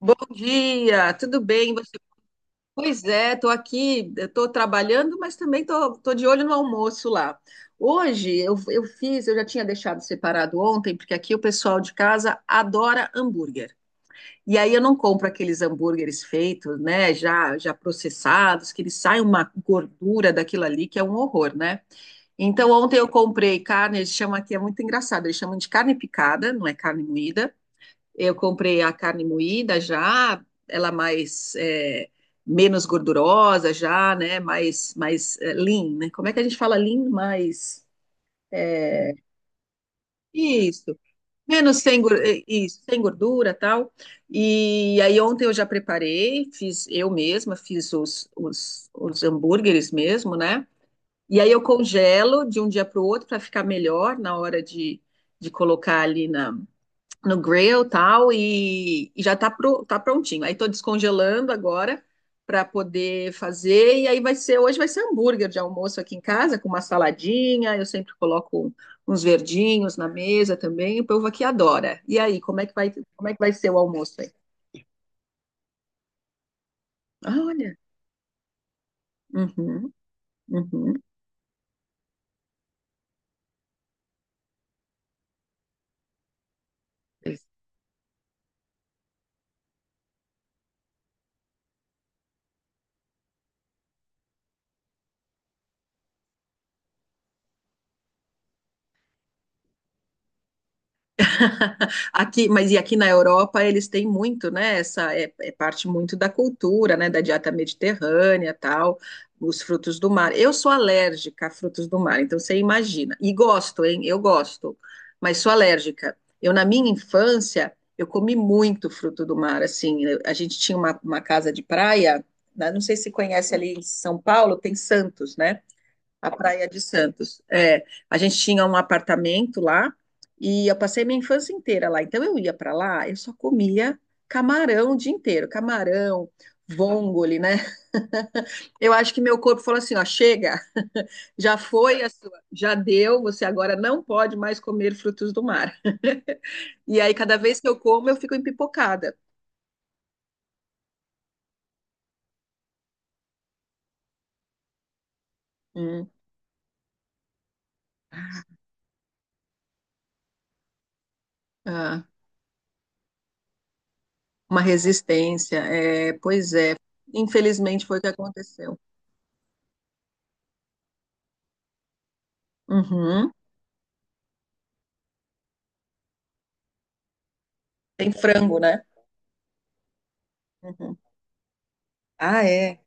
Bom dia, tudo bem? Você? Pois é, estou aqui, estou trabalhando, mas também estou de olho no almoço lá. Hoje eu fiz, eu já tinha deixado separado ontem, porque aqui o pessoal de casa adora hambúrguer. E aí eu não compro aqueles hambúrgueres feitos, né, já processados, que eles saem uma gordura daquilo ali, que é um horror, né? Então ontem eu comprei carne, eles chamam aqui, é muito engraçado, eles chamam de carne picada, não é carne moída. Eu comprei a carne moída já, ela mais é, menos gordurosa já, né? Mais é, lean, né? Como é que a gente fala lean? Mais é, isso, menos sem gor- é, isso, sem gordura, tal. E aí ontem eu já preparei, fiz eu mesma, fiz os hambúrgueres mesmo, né? E aí eu congelo de um dia para o outro para ficar melhor na hora de colocar ali na no grill tal, e já tá, tá prontinho. Aí tô descongelando agora para poder fazer, e aí vai ser, hoje vai ser hambúrguer de almoço aqui em casa, com uma saladinha, eu sempre coloco uns verdinhos na mesa também, o povo aqui adora. E aí, como é que vai, como é que vai ser o almoço aí? Ah, olha, uhum, uhum. Aqui, mas e aqui na Europa eles têm muito, né? Essa é parte muito da cultura, né? Da dieta mediterrânea, tal, os frutos do mar. Eu sou alérgica a frutos do mar, então você imagina. E gosto, hein? Eu gosto, mas sou alérgica. Eu na minha infância eu comi muito fruto do mar. Assim, a gente tinha uma casa de praia, né, não sei se conhece ali em São Paulo, tem Santos, né? A Praia de Santos. É, a gente tinha um apartamento lá e eu passei minha infância inteira lá. Então eu ia para lá, eu só comia camarão o dia inteiro, camarão, vongole, né? Eu acho que meu corpo falou assim, ó, chega, já foi a sua, já deu, você agora não pode mais comer frutos do mar. E aí cada vez que eu como, eu fico empipocada. Hum, ah, uma resistência. É, pois é. Infelizmente foi o que aconteceu. Uhum. Tem frango, né? Uhum. Ah, é.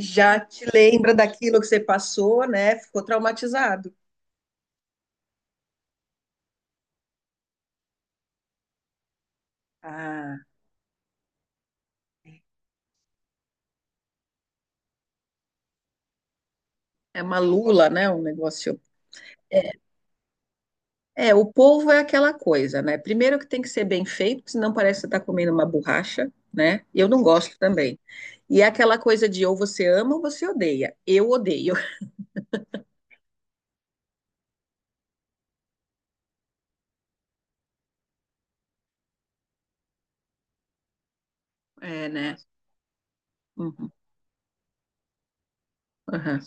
Já te lembra daquilo que você passou, né? Ficou traumatizado. Ah, é uma lula, né? Um negócio. É, é, o polvo é aquela coisa, né? Primeiro que tem que ser bem feito, porque senão parece que você está comendo uma borracha, né? E eu não gosto também. E é aquela coisa de ou você ama ou você odeia. Eu odeio. É, né? Uhum, uhum.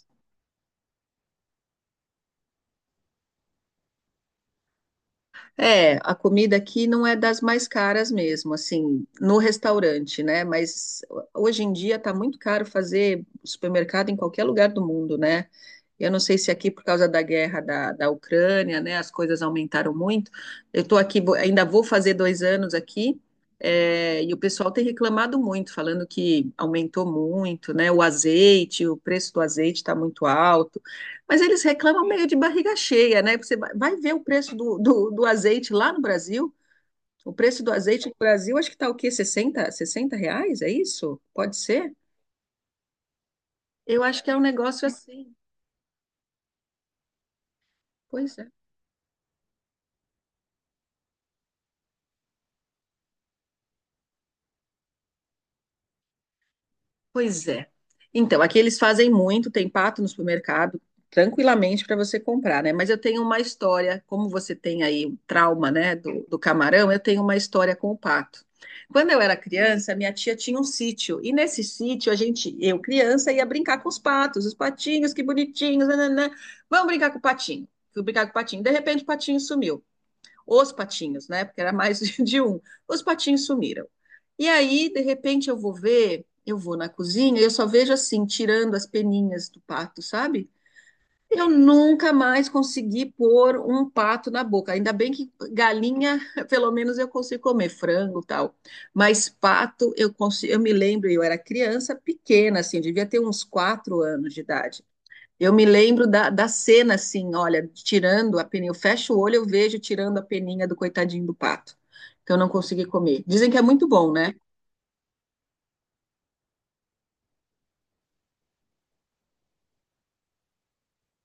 É, a comida aqui não é das mais caras mesmo, assim, no restaurante, né? Mas hoje em dia tá muito caro fazer supermercado em qualquer lugar do mundo, né? Eu não sei se aqui, por causa da guerra da Ucrânia, né, as coisas aumentaram muito. Eu estou aqui, ainda vou fazer 2 anos aqui, é, e o pessoal tem reclamado muito, falando que aumentou muito, né? O azeite, o preço do azeite está muito alto. Mas eles reclamam meio de barriga cheia, né? Você vai ver o preço do azeite lá no Brasil. O preço do azeite no Brasil, acho que está o quê? Sessenta reais? É isso? Pode ser? Eu acho que é um negócio assim. Pois Pois é. Então, aqui eles fazem muito, tem pato no supermercado, tranquilamente para você comprar, né? Mas eu tenho uma história, como você tem aí o trauma, né, do camarão, eu tenho uma história com o pato. Quando eu era criança, minha tia tinha um sítio, e nesse sítio a gente, eu criança, ia brincar com os patos, os patinhos, que bonitinhos, nananã. Vamos brincar com o patinho. Fui brincar com o patinho. De repente, o patinho sumiu. Os patinhos, né? Porque era mais de um. Os patinhos sumiram. E aí, de repente, eu vou ver, eu vou na cozinha e eu só vejo assim, tirando as peninhas do pato, sabe? Eu nunca mais consegui pôr um pato na boca. Ainda bem que galinha, pelo menos eu consigo comer frango, e tal. Mas pato, eu consigo, eu me lembro, eu era criança pequena, assim, devia ter uns 4 anos de idade. Eu me lembro da cena, assim, olha, tirando a peninha. Eu fecho o olho, eu vejo tirando a peninha do coitadinho do pato, que eu não consegui comer. Dizem que é muito bom, né?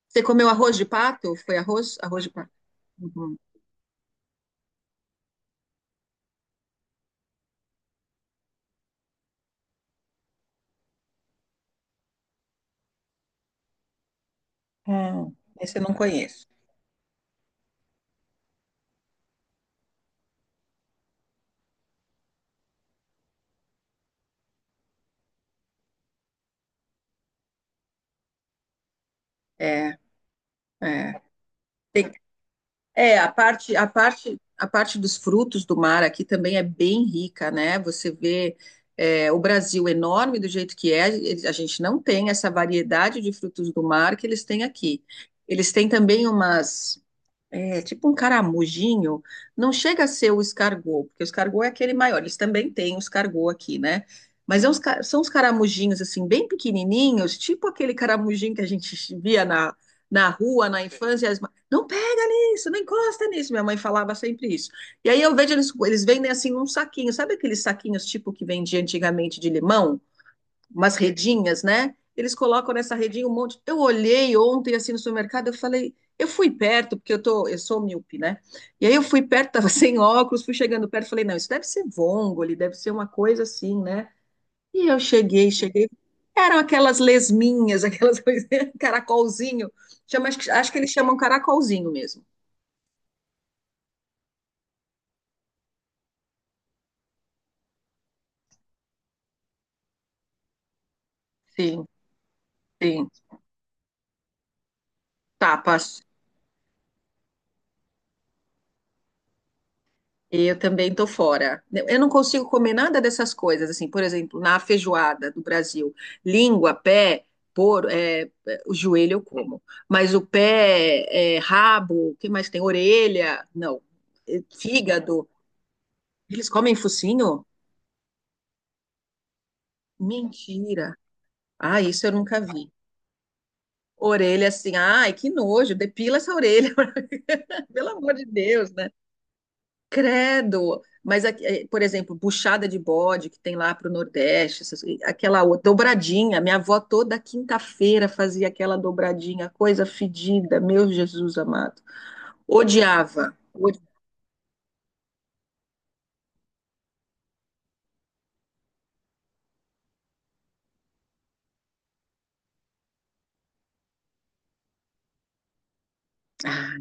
Você comeu arroz de pato? Foi arroz? Arroz de pato. Uhum. Hum, esse eu não conheço. É, é. Tem- é, a parte dos frutos do mar aqui também é bem rica, né? Você vê, é, o Brasil enorme do jeito que é, a gente não tem essa variedade de frutos do mar que eles têm aqui. Eles têm também umas. É, tipo um caramujinho, não chega a ser o escargot, porque o escargot é aquele maior, eles também têm o escargot aqui, né? Mas é são os caramujinhos, assim, bem pequenininhos, tipo aquele caramujinho que a gente via na, na rua, na infância, e não pega nisso, não encosta nisso, minha mãe falava sempre isso. E aí eu vejo eles, vendem, assim, um saquinho, sabe aqueles saquinhos tipo que vendia antigamente de limão? Umas redinhas, né? Eles colocam nessa redinha um monte. Eu olhei ontem assim no supermercado, eu falei, eu fui perto, porque eu sou míope, né? E aí eu fui perto, tava sem óculos, fui chegando perto, falei, não, isso deve ser vongole, deve ser uma coisa assim, né? E eu eram aquelas lesminhas, aquelas coisas, caracolzinho. Chama, acho que eles chamam caracolzinho mesmo. Sim, sim. Tapas. Eu também tô fora. Eu não consigo comer nada dessas coisas, assim, por exemplo, na feijoada do Brasil, língua, pé, é, o joelho eu como, mas o pé, é, rabo, o que mais tem? Orelha, não, é, fígado. Eles comem focinho? Mentira. Ah, isso eu nunca vi. Orelha assim, ai, que nojo, depila essa orelha, pelo amor de Deus, né? Credo! Mas, aqui, eh, por exemplo, buchada de bode que tem lá para o Nordeste, aquela dobradinha. Minha avó toda quinta-feira fazia aquela dobradinha, coisa fedida, meu Jesus amado. Odiava. Ah,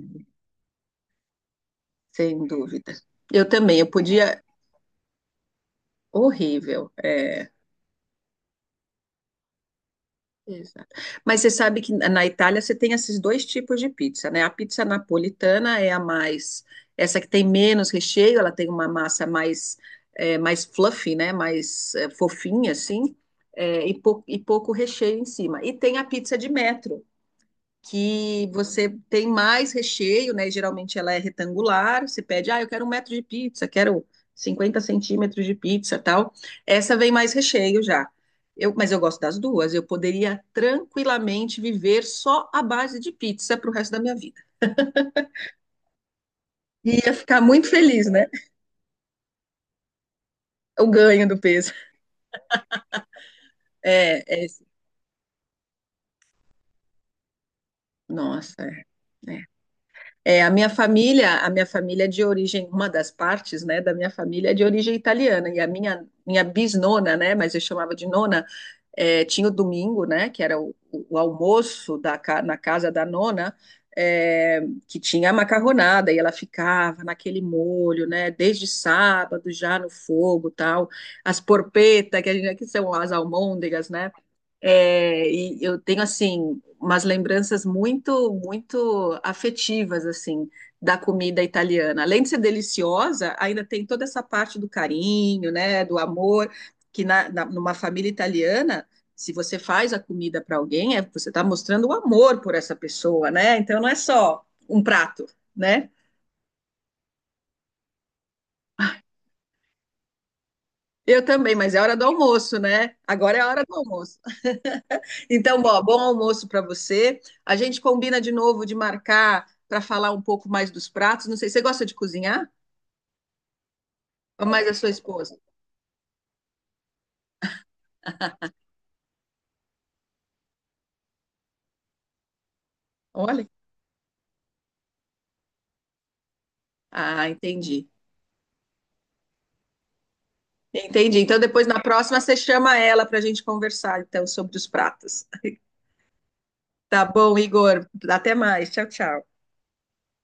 sem dúvida. Eu também, eu podia. Horrível. É. Exato. Mas você sabe que na Itália você tem esses dois tipos de pizza, né? A pizza napolitana é a mais, essa que tem menos recheio, ela tem uma massa mais, é, mais fluffy, né? Mais é, fofinha, assim, é, e, e pouco recheio em cima. E tem a pizza de metro, que você tem mais recheio, né? E geralmente ela é retangular. Você pede, ah, eu quero um metro de pizza, quero 50 centímetros de pizza, tal. Essa vem mais recheio já. Eu, mas eu gosto das duas. Eu poderia tranquilamente viver só à base de pizza para o resto da minha vida. E ia ficar muito feliz, né? O ganho do peso. É, é nossa, é, é. É, a minha família é de origem, uma das partes, né, da minha família é de origem italiana, e a minha bisnona, né, mas eu chamava de nona, é, tinha o domingo, né, que era o almoço da, na casa da nona, é, que tinha a macarronada, e ela ficava naquele molho, né, desde sábado já no fogo, tal, as porpeta, que a gente, que são as almôndegas, né, é, e eu tenho assim umas lembranças muito, muito afetivas assim da comida italiana. Além de ser deliciosa, ainda tem toda essa parte do carinho, né, do amor que na, numa família italiana, se você faz a comida para alguém, é, você está mostrando o amor por essa pessoa, né? Então não é só um prato, né? Eu também, mas é hora do almoço, né? Agora é a hora do almoço. Então, ó, bom almoço para você. A gente combina de novo de marcar para falar um pouco mais dos pratos. Não sei, você gosta de cozinhar? Ou mais a sua esposa? Olha. Ah, entendi. Entendi. Então, depois na próxima você chama ela para a gente conversar então sobre os pratos. Tá bom, Igor. Até mais. Tchau, tchau.